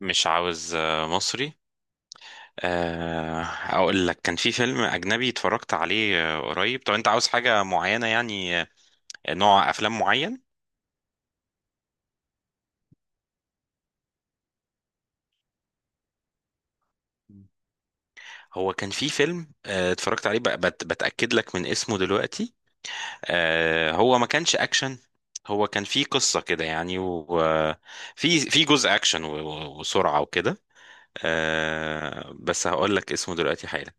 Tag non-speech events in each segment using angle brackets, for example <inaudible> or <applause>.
مش عاوز مصري. اقول لك كان في فيلم اجنبي اتفرجت عليه قريب. طب انت عاوز حاجة معينة يعني نوع افلام معين. هو كان في فيلم اتفرجت عليه بتأكد لك من اسمه دلوقتي. هو ما كانش اكشن. هو كان في قصة كده يعني وفي جزء اكشن وسرعة وكده. بس هقول لك اسمه دلوقتي حالا.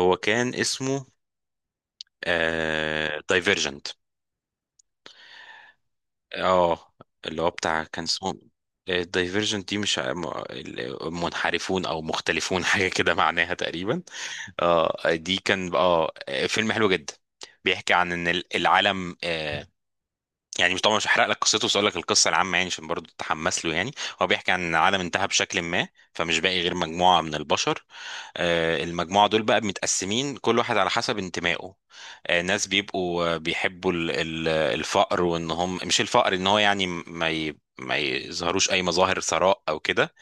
هو كان اسمه دايفيرجنت. اه. اللي هو بتاع كان اسمه الدايفرجنت دي مش منحرفون او مختلفون <laughs> حاجه كده معناها تقريبا. اه دي كان فيلم حلو جدا. بيحكي عن ان العالم يعني مش طبعا مش هحرق لك قصته بس اقول لك القصه العامه يعني عشان برضه تتحمس له يعني. هو بيحكي عن إن العالم انتهى بشكل ما. فمش باقي غير مجموعه من البشر. المجموعه دول بقى متقسمين كل واحد على حسب انتمائه. ناس بيبقوا بيحبوا الفقر وان هم مش الفقر ان هو يعني ما يظهروش اي مظاهر ثراء او كده.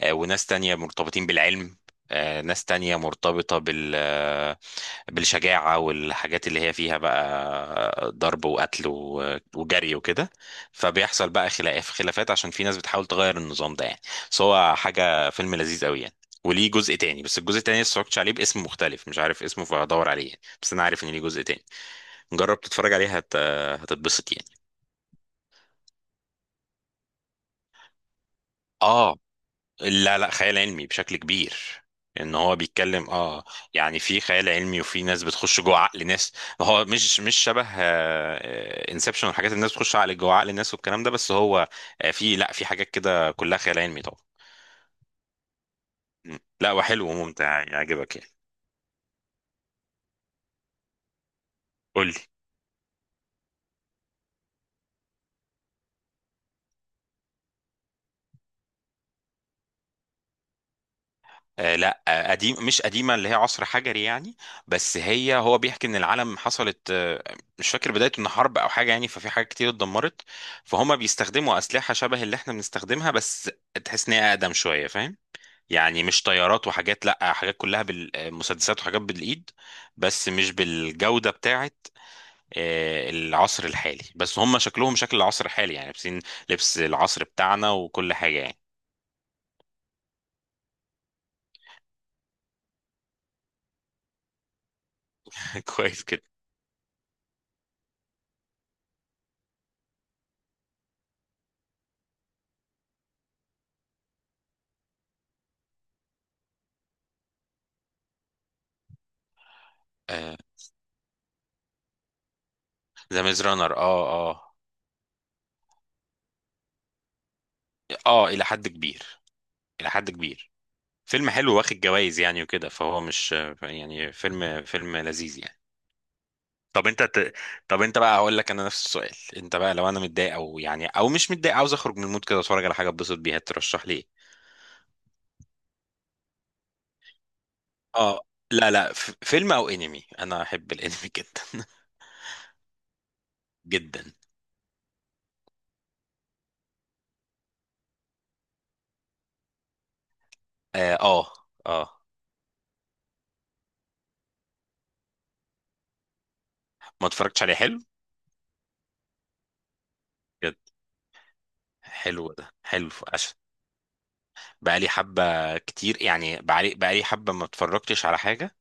وناس تانية مرتبطين بالعلم. ناس تانية مرتبطة بالشجاعة والحاجات اللي هي فيها بقى ضرب وقتل وجري وكده. فبيحصل بقى خلافات عشان في ناس بتحاول تغير النظام ده يعني. بس هو حاجة فيلم لذيذ قوي يعني. وليه جزء تاني بس الجزء التاني لسه متفرجتش عليه باسم مختلف مش عارف اسمه فهدور عليه يعني. بس انا عارف ان ليه جزء تاني. جرب تتفرج عليها هتتبسط يعني. اه، لا لا خيال علمي بشكل كبير. ان هو بيتكلم يعني في خيال علمي وفي ناس بتخش جوه عقل ناس. هو مش شبه انسبشن والحاجات اللي الناس بتخش عقل جوه عقل الناس والكلام ده بس هو في لا في حاجات كده كلها خيال علمي طبعا. مم. لا وحلو وممتع يعجبك يعني. قول لي. آه لا قديم مش قديمة اللي هي عصر حجري يعني. بس هو بيحكي ان العالم حصلت مش فاكر بدايته ان حرب او حاجة يعني ففي حاجات كتير اتدمرت. فهم بيستخدموا أسلحة شبه اللي احنا بنستخدمها بس تحس ان هي أقدم شوية فاهم. يعني مش طيارات وحاجات لا حاجات كلها بالمسدسات وحاجات بالإيد بس مش بالجودة بتاعت العصر الحالي بس هم شكلهم شكل العصر الحالي يعني لابسين لبس العصر بتاعنا وكل حاجة يعني. <laughs> كويس كده. ذا ميز رانر اه The Maze Runner، اه آه. اه الى حد كبير الى حد كبير. فيلم حلو واخد جوائز يعني وكده فهو مش يعني فيلم لذيذ يعني. طب انت ت... طب انت بقى هقول لك انا نفس السؤال. انت بقى لو انا متضايق او يعني او مش متضايق عاوز اخرج من المود كده اتفرج على حاجه اتبسط بيها ترشح لي ايه؟ اه لا لا فيلم او انمي انا احب الانمي <laughs> جدا جدا. اه اه آه. ما اتفرجتش عليه، حلو؟ بجد. حلو ده حلو عشان بقالي حبه كتير يعني، بقالي حبه ما اتفرجتش على حاجه.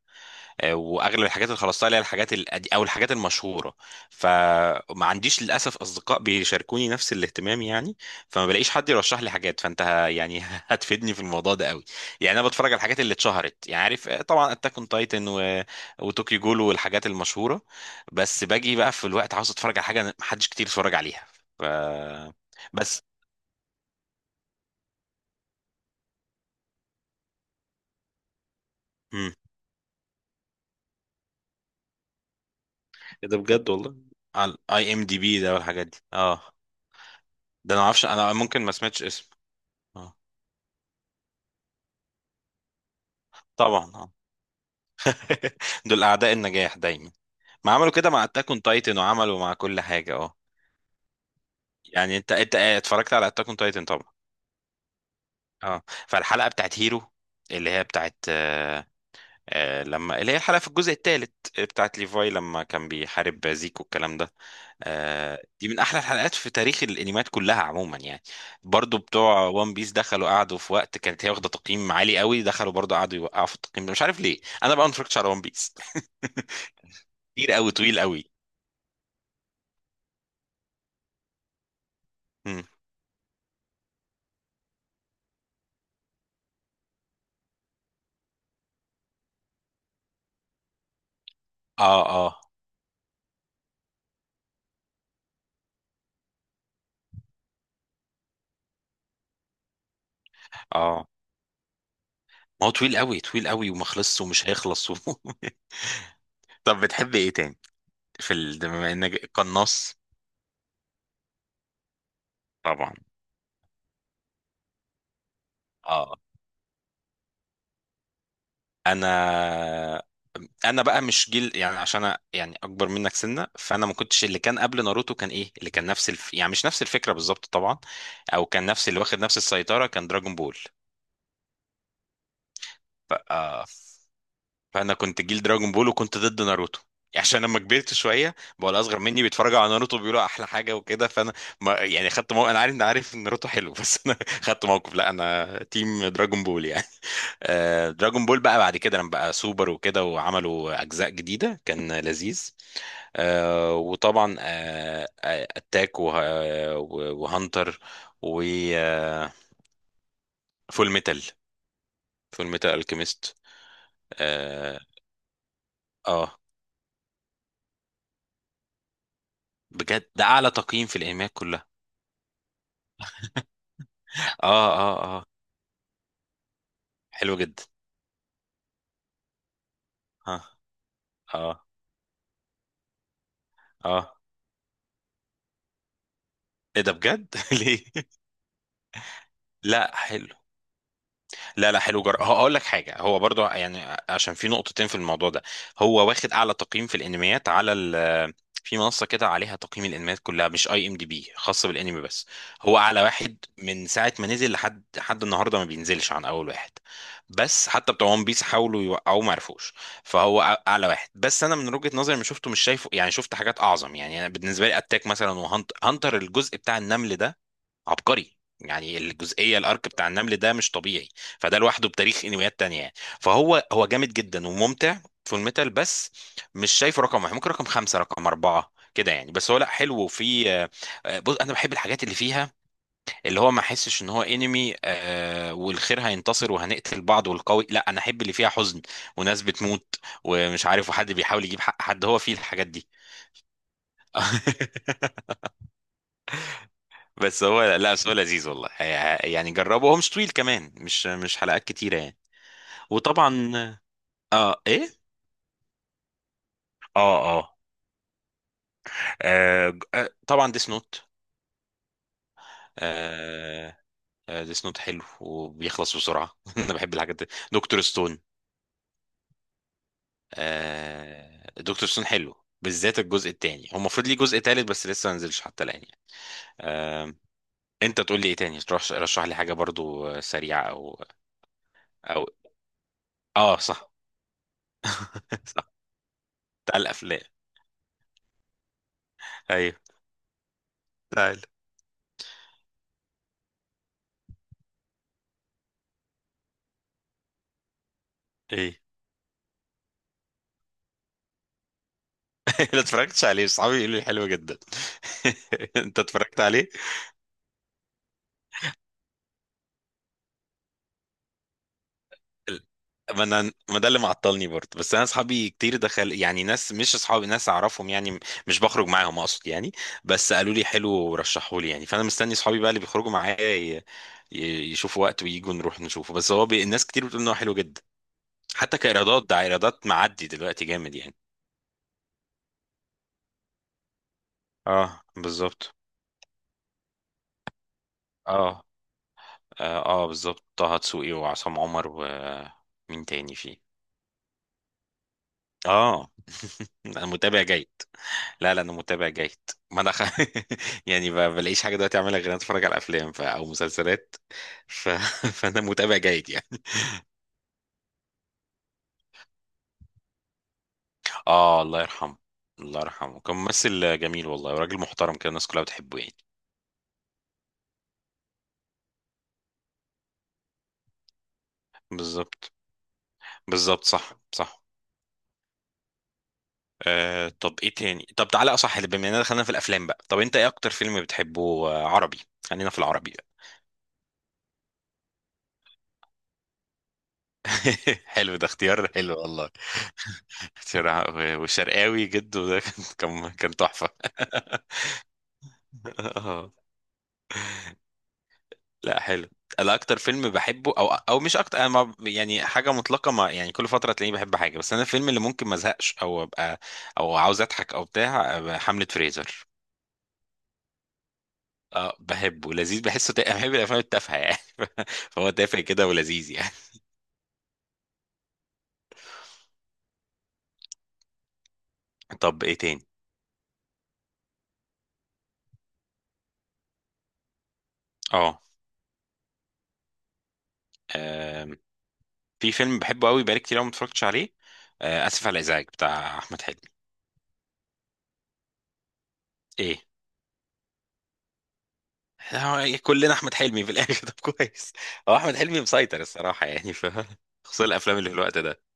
واغلب الحاجات اللي خلصتها اللي هي الحاجات او الحاجات المشهوره. فما عنديش للاسف اصدقاء بيشاركوني نفس الاهتمام يعني. فما بلاقيش حد يرشح لي حاجات فانت يعني <laughs> هتفيدني في الموضوع ده قوي. يعني انا بتفرج على الحاجات اللي اتشهرت يعني عارف طبعا اتاك اون تايتن وتوكيو جول والحاجات المشهوره. بس باجي بقى في الوقت عاوز اتفرج على حاجه محدش كتير اتفرج عليها. ف... بس. مم. إيه ده بجد والله. على اي ام دي بي ده والحاجات دي اه. ده انا ما اعرفش انا ممكن ما سمعتش اسمه. اه طبعا اه. <laughs> دول اعداء النجاح دايما. ما عملوا كده مع اتاك اون تايتن وعملوا مع كل حاجه اه. يعني انت اتفرجت على اتاك اون تايتن طبعا. اه. فالحلقه بتاعت هيرو اللي هي بتاعت لما اللي هي الحلقه في الجزء الثالث بتاعت ليفاي لما كان بيحارب زيكو الكلام ده. دي من احلى الحلقات في تاريخ الانميات كلها عموما يعني. برضو بتوع وان بيس دخلوا قعدوا في وقت كانت هي واخده تقييم عالي قوي دخلوا برضو قعدوا يوقعوا في التقييم ده مش عارف ليه انا بقى ما اتفرجتش على وان بيس. <laughs> كتير قوي طويل قوي. اه اه اه. ما هو طويل قوي طويل قوي وما خلصش ومش هيخلص <laughs> طب بتحب ايه تاني؟ في بما انك قناص. طبعا اه. انا انا بقى مش جيل يعني عشان انا يعني اكبر منك سنه فانا ما كنتش اللي كان قبل ناروتو كان ايه اللي كان نفس يعني مش نفس الفكره بالظبط طبعا. او كان نفس اللي واخد نفس السيطره كان دراجون بول بقى. فانا كنت جيل دراجون بول وكنت ضد ناروتو. يعني عشان لما كبرت شويه بقى الاصغر مني بيتفرجوا على ناروتو بيقولوا احلى حاجه وكده فانا ما يعني خدت موقف. انا عارف ان ناروتو حلو <laughs> بس انا خدت موقف لا انا تيم دراجون بول يعني <laughs> دراجون بول بقى بعد كده لما بقى سوبر وكده وعملوا اجزاء جديده كان لذيذ. وطبعا اتاك وهانتر وفول ميتال فول ميتال الكيميست. اه آه. بجد ده اعلى تقييم في الايميات كلها. اه اه اه. حلو جدا. اه اه اه. ايه ده بجد <laughs> ليه؟ لا حلو. لا لا حلو هقول لك حاجه. هو برضو يعني عشان في نقطتين في الموضوع ده. هو واخد اعلى تقييم في الانميات على في منصه كده عليها تقييم الانميات كلها مش اي ام دي بي خاصه بالانمي بس. هو اعلى واحد من ساعه ما نزل لحد النهارده ما بينزلش عن اول واحد. بس حتى بتوع ون بيس حاولوا يوقعوه ما عرفوش. فهو اعلى واحد بس انا من وجهه نظري ما شفته مش شايفه يعني شفت حاجات اعظم يعني انا بالنسبه لي اتاك مثلا وهانتر هانتر الجزء بتاع النمل ده عبقري يعني الجزئيه الارك بتاع النمل ده مش طبيعي. فده لوحده بتاريخ انميات تانية يعني. فهو هو جامد جدا وممتع. في الميتال بس مش شايفه رقم واحد ممكن رقم خمسة رقم أربعة كده يعني بس هو لا حلو وفي بص انا بحب الحاجات اللي فيها اللي هو ما احسش ان هو انمي والخير هينتصر وهنقتل بعض والقوي لا انا احب اللي فيها حزن وناس بتموت ومش عارف وحد بيحاول يجيب حق حد هو فيه الحاجات دي. <laughs> بس هو لا بس هو لذيذ والله. يعني جربه هو مش طويل كمان مش حلقات كتيرة يعني. وطبعا اه ايه. اه اه, طبعا ديس نوت. آه ديس نوت حلو وبيخلص بسرعة <laughs> انا بحب الحاجات دي. دكتور ستون. دكتور ستون حلو. بالذات الجزء التاني هو المفروض ليه جزء تالت بس لسه ما نزلش حتى الآن يعني. آه. انت تقول لي ايه تاني تروح رشح لي حاجة برضو سريعة او. او. اه صح. <laughs> صح. تعال الافلام. ايوه تعال. ايه. <laughs> لا اتفرجتش عليه صحابي يقولوا لي حلو جدا. <laughs> انت اتفرجت عليه؟ ما انا ما ده اللي معطلني برضه بس انا اصحابي كتير دخل يعني ناس مش اصحابي ناس اعرفهم يعني. مش بخرج معاهم اقصد يعني. بس قالوا لي حلو ورشحوا لي يعني فانا مستني اصحابي بقى اللي بيخرجوا معايا يشوفوا وقت وييجوا نروح نشوفه بس هو الناس كتير بتقول ان هو حلو جدا. حتى كايرادات ده ايرادات معدي دلوقتي جامد يعني. اه بالظبط. اه اه, بالظبط طه دسوقي وعصام عمر ومين تاني فيه؟ اه انا متابع جيد. لا لا انا متابع جيد. ما انا <laughs> يعني ما بلاقيش حاجه دلوقتي اعملها غير إن أنا اتفرج على افلام او مسلسلات. ف... <laughs> فانا متابع جيد يعني. اه الله يرحمه. الله يرحمه كان ممثل جميل والله وراجل محترم كده الناس كلها بتحبه يعني. بالظبط. بالظبط صح صح. طب ايه تاني؟ طب تعالى اصح اللي بما اننا دخلنا في الافلام بقى طب انت ايه اكتر فيلم بتحبه؟ عربي. خلينا في العربي. <laughs> حلو ده اختيار حلو والله. <laughs> والشرقاوي جده ده كان تحفة. <laughs> اه لا حلو. انا اكتر فيلم بحبه او مش اكتر انا يعني حاجه مطلقه ما يعني كل فتره تلاقيني بحب حاجه بس انا الفيلم اللي ممكن ما ازهقش او ابقى او عاوز اضحك او بتاع أبقى حمله فريزر. اه بحبه لذيذ بحسه أنا بحب الافلام التافهه يعني <laughs> فهو تافه كده ولذيذ يعني. طب ايه تاني؟ اه في فيلم بحبه قوي بقالي كتير قوي ما اتفرجتش عليه. اسف على الازعاج بتاع احمد حلمي. ايه؟ هو كلنا احمد حلمي في الاخر <laughs> طب كويس. هو احمد حلمي مسيطر الصراحه يعني في. خصوصا الافلام اللي في الوقت ده.